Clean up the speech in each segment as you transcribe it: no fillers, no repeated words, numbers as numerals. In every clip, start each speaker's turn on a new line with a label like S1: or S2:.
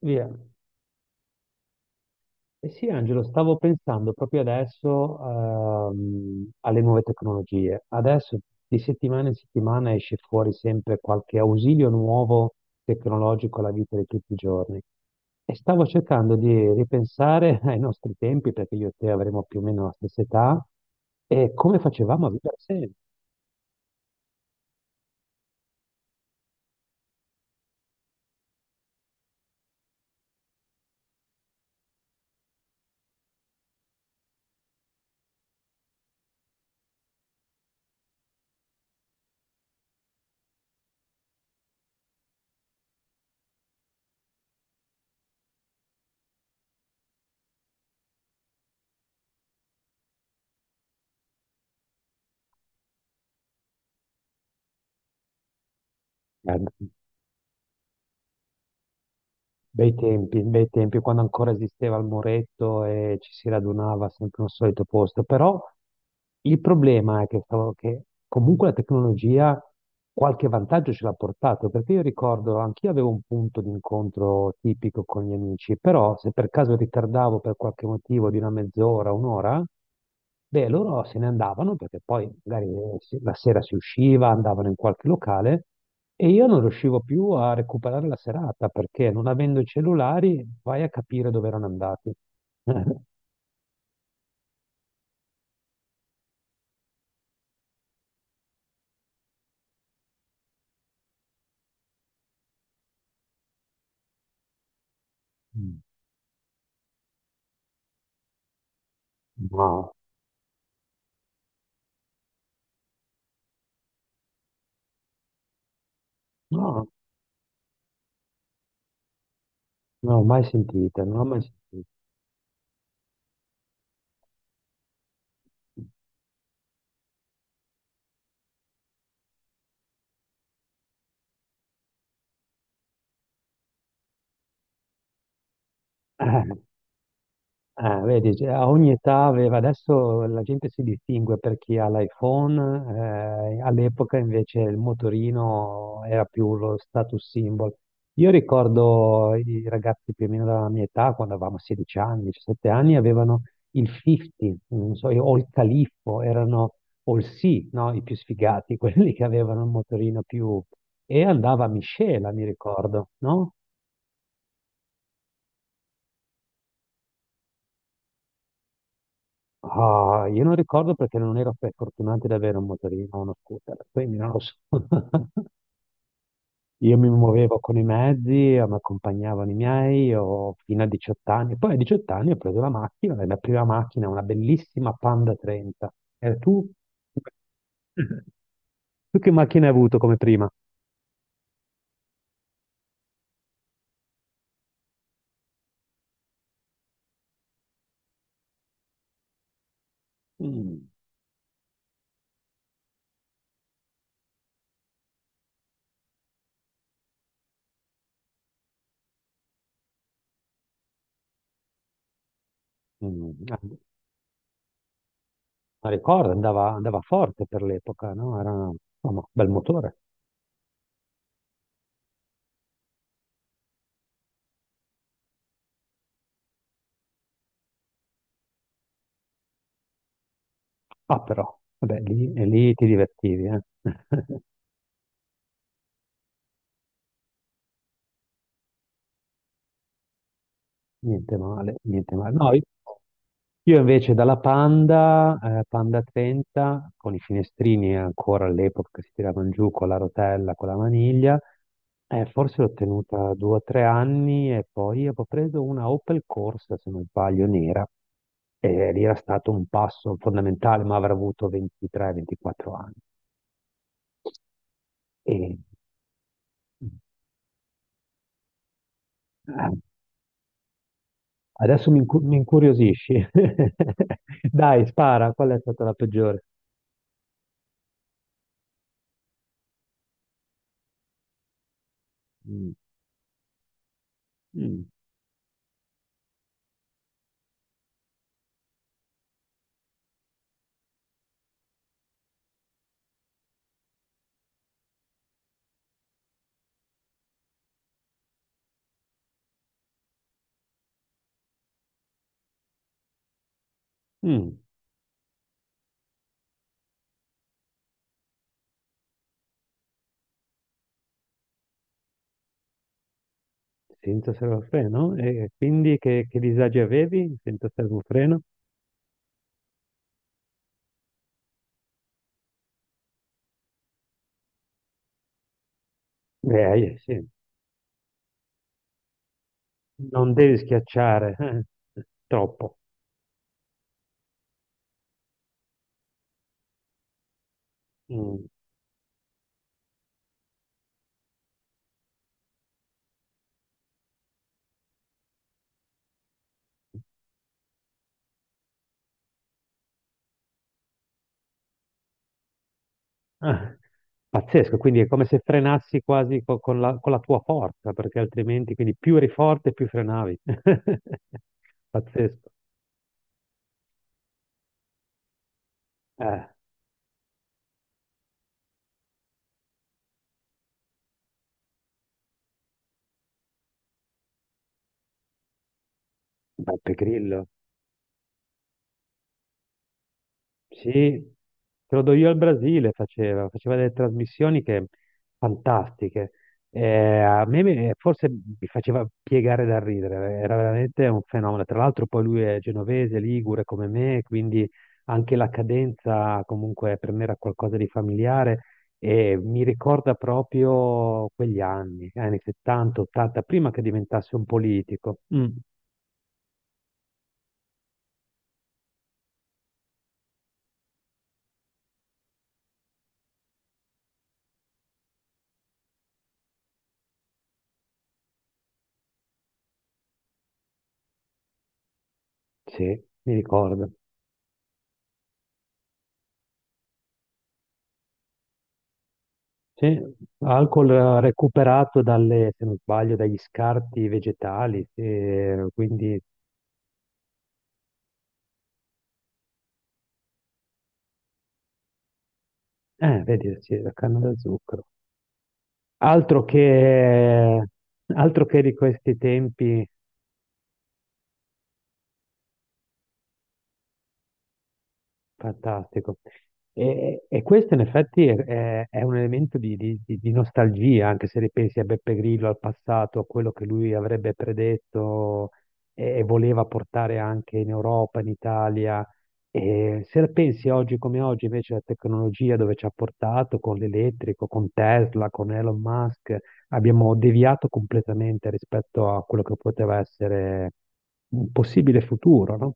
S1: Via. Eh sì, Angelo, stavo pensando proprio adesso alle nuove tecnologie. Adesso di settimana in settimana esce fuori sempre qualche ausilio nuovo tecnologico alla vita di tutti i giorni. E stavo cercando di ripensare ai nostri tempi, perché io e te avremo più o meno la stessa età, e come facevamo a vivere sempre. Bei tempi, quando ancora esisteva il muretto e ci si radunava sempre nel solito posto, però il problema è che, che comunque la tecnologia qualche vantaggio ce l'ha portato, perché io ricordo, anch'io avevo un punto d'incontro tipico con gli amici, però se per caso ritardavo per qualche motivo di una mezz'ora, un'ora, beh, loro se ne andavano perché poi magari la sera si usciva, andavano in qualche locale e io non riuscivo più a recuperare la serata perché non avendo i cellulari vai a capire dove erano andati. Mm. No, no, non l'ho mai sentita, non l'ho mai sentita. Vedi, cioè, a ogni età aveva, adesso la gente si distingue per chi ha l'iPhone, all'epoca invece il motorino era più lo status symbol. Io ricordo i ragazzi più o meno della mia età, quando avevamo 16 anni, 17 anni, avevano il 50, non so, o il Califfo, erano, o il Sì, no? I più sfigati, quelli che avevano il motorino più... E andava a miscela, mi ricordo, no? Ah, io non ricordo perché non ero fortunato ad avere un motorino o uno scooter, quindi non lo so. Io mi muovevo con i mezzi, mi accompagnavano i miei, io fino a 18 anni. Poi a 18 anni ho preso la macchina, e la prima macchina, una bellissima Panda 30. E tu? Tu che macchina hai avuto come prima? Mm. Mm, ah, ma ricordo, andava, andava forte per l'epoca, no? Era un bel motore. Ah, però, vabbè, lì, e lì ti divertivi, eh? Niente male, niente male. No, io invece dalla Panda, Panda 30, con i finestrini ancora all'epoca che si tiravano giù con la rotella, con la maniglia, forse l'ho tenuta due o tre anni e poi avevo preso una Opel Corsa, se non sbaglio, nera, e lì era stato un passo fondamentale, ma avrà avuto 23-24 anni. E, eh, adesso mi, mi incuriosisci. Dai, spara, qual è stata la peggiore? Mm, mm, mm. Senza servofreno? E quindi che disagi avevi senza servofreno? Beh, sì. Non devi schiacciare, troppo. Mm. Ah, pazzesco, quindi è come se frenassi quasi con la tua forza, perché altrimenti, quindi più eri forte, più frenavi. Pazzesco. Eh, Beppe Grillo. Sì, credo io al Brasile faceva, faceva delle trasmissioni che, fantastiche. Eh, forse mi faceva piegare da ridere, era veramente un fenomeno. Tra l'altro poi lui è genovese, ligure come me, quindi anche la cadenza comunque per me era qualcosa di familiare e mi ricorda proprio quegli anni, anni 70, 80, prima che diventasse un politico. Mm, sì, mi ricorda. Sì, alcol recuperato dalle, se non sbaglio, dagli scarti vegetali, quindi, vedi, sì, la canna da zucchero. Altro che, altro che di questi tempi, fantastico. E questo in effetti è, è un elemento di, di nostalgia, anche se ripensi a Beppe Grillo, al passato, a quello che lui avrebbe predetto e voleva portare anche in Europa, in Italia. E se la pensi oggi come oggi, invece, la tecnologia dove ci ha portato con l'elettrico, con Tesla, con Elon Musk, abbiamo deviato completamente rispetto a quello che poteva essere un possibile futuro, no?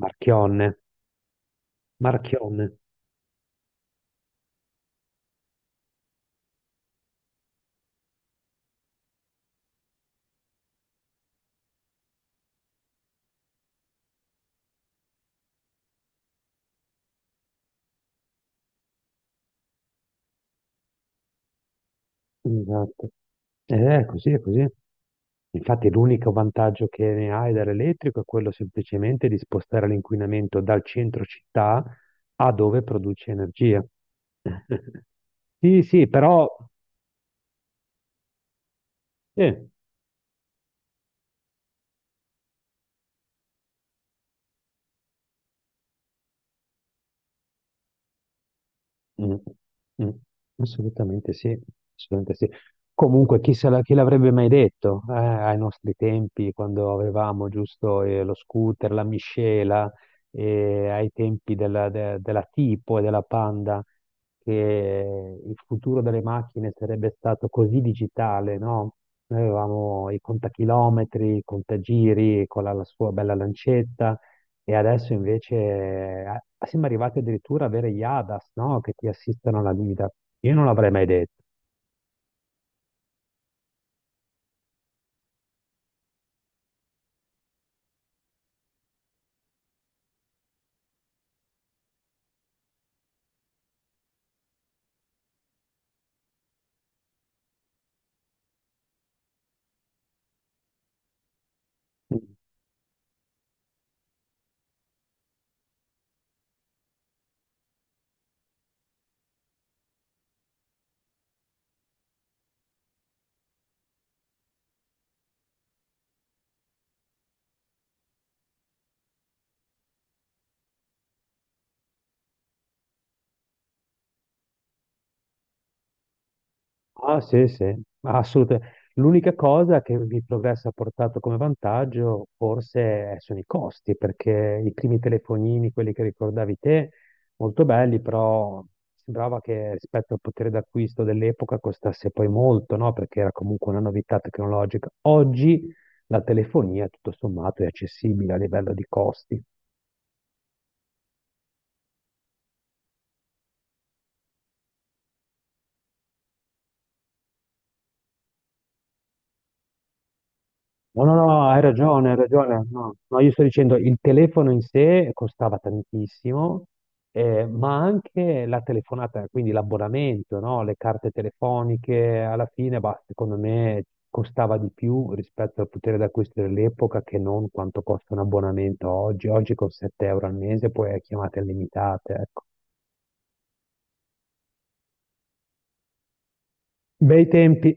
S1: Marchionne, Marchionne. Esatto. È così, è così. Infatti l'unico vantaggio che ne hai dall'elettrico è quello semplicemente di spostare l'inquinamento dal centro città a dove produce energia. Sì, sì, però... sì. Mm, mm, assolutamente sì, assolutamente sì. Comunque, chi se la- chi l'avrebbe mai detto, ai nostri tempi, quando avevamo giusto lo scooter, la miscela, ai tempi della, della Tipo e della Panda, che il futuro delle macchine sarebbe stato così digitale, no? Noi avevamo i contachilometri, i contagiri con la sua bella lancetta. E adesso invece ah, siamo arrivati addirittura ad avere gli ADAS, no? Che ti assistono alla guida. Io non l'avrei mai detto. Ah, sì, sì, assolutamente. L'unica cosa che il progresso ha portato come vantaggio forse sono i costi, perché i primi telefonini, quelli che ricordavi te, molto belli, però sembrava che rispetto al potere d'acquisto dell'epoca costasse poi molto, no? Perché era comunque una novità tecnologica. Oggi la telefonia, tutto sommato, è accessibile a livello di costi. No, no, no, hai ragione, hai ragione. No, no, io sto dicendo il telefono in sé costava tantissimo, ma anche la telefonata, quindi l'abbonamento, no? Le carte telefoniche, alla fine, bah, secondo me costava di più rispetto al potere d'acquisto dell'epoca che non quanto costa un abbonamento oggi. Oggi con 7 euro al mese puoi chiamate illimitate, ecco. Bei tempi.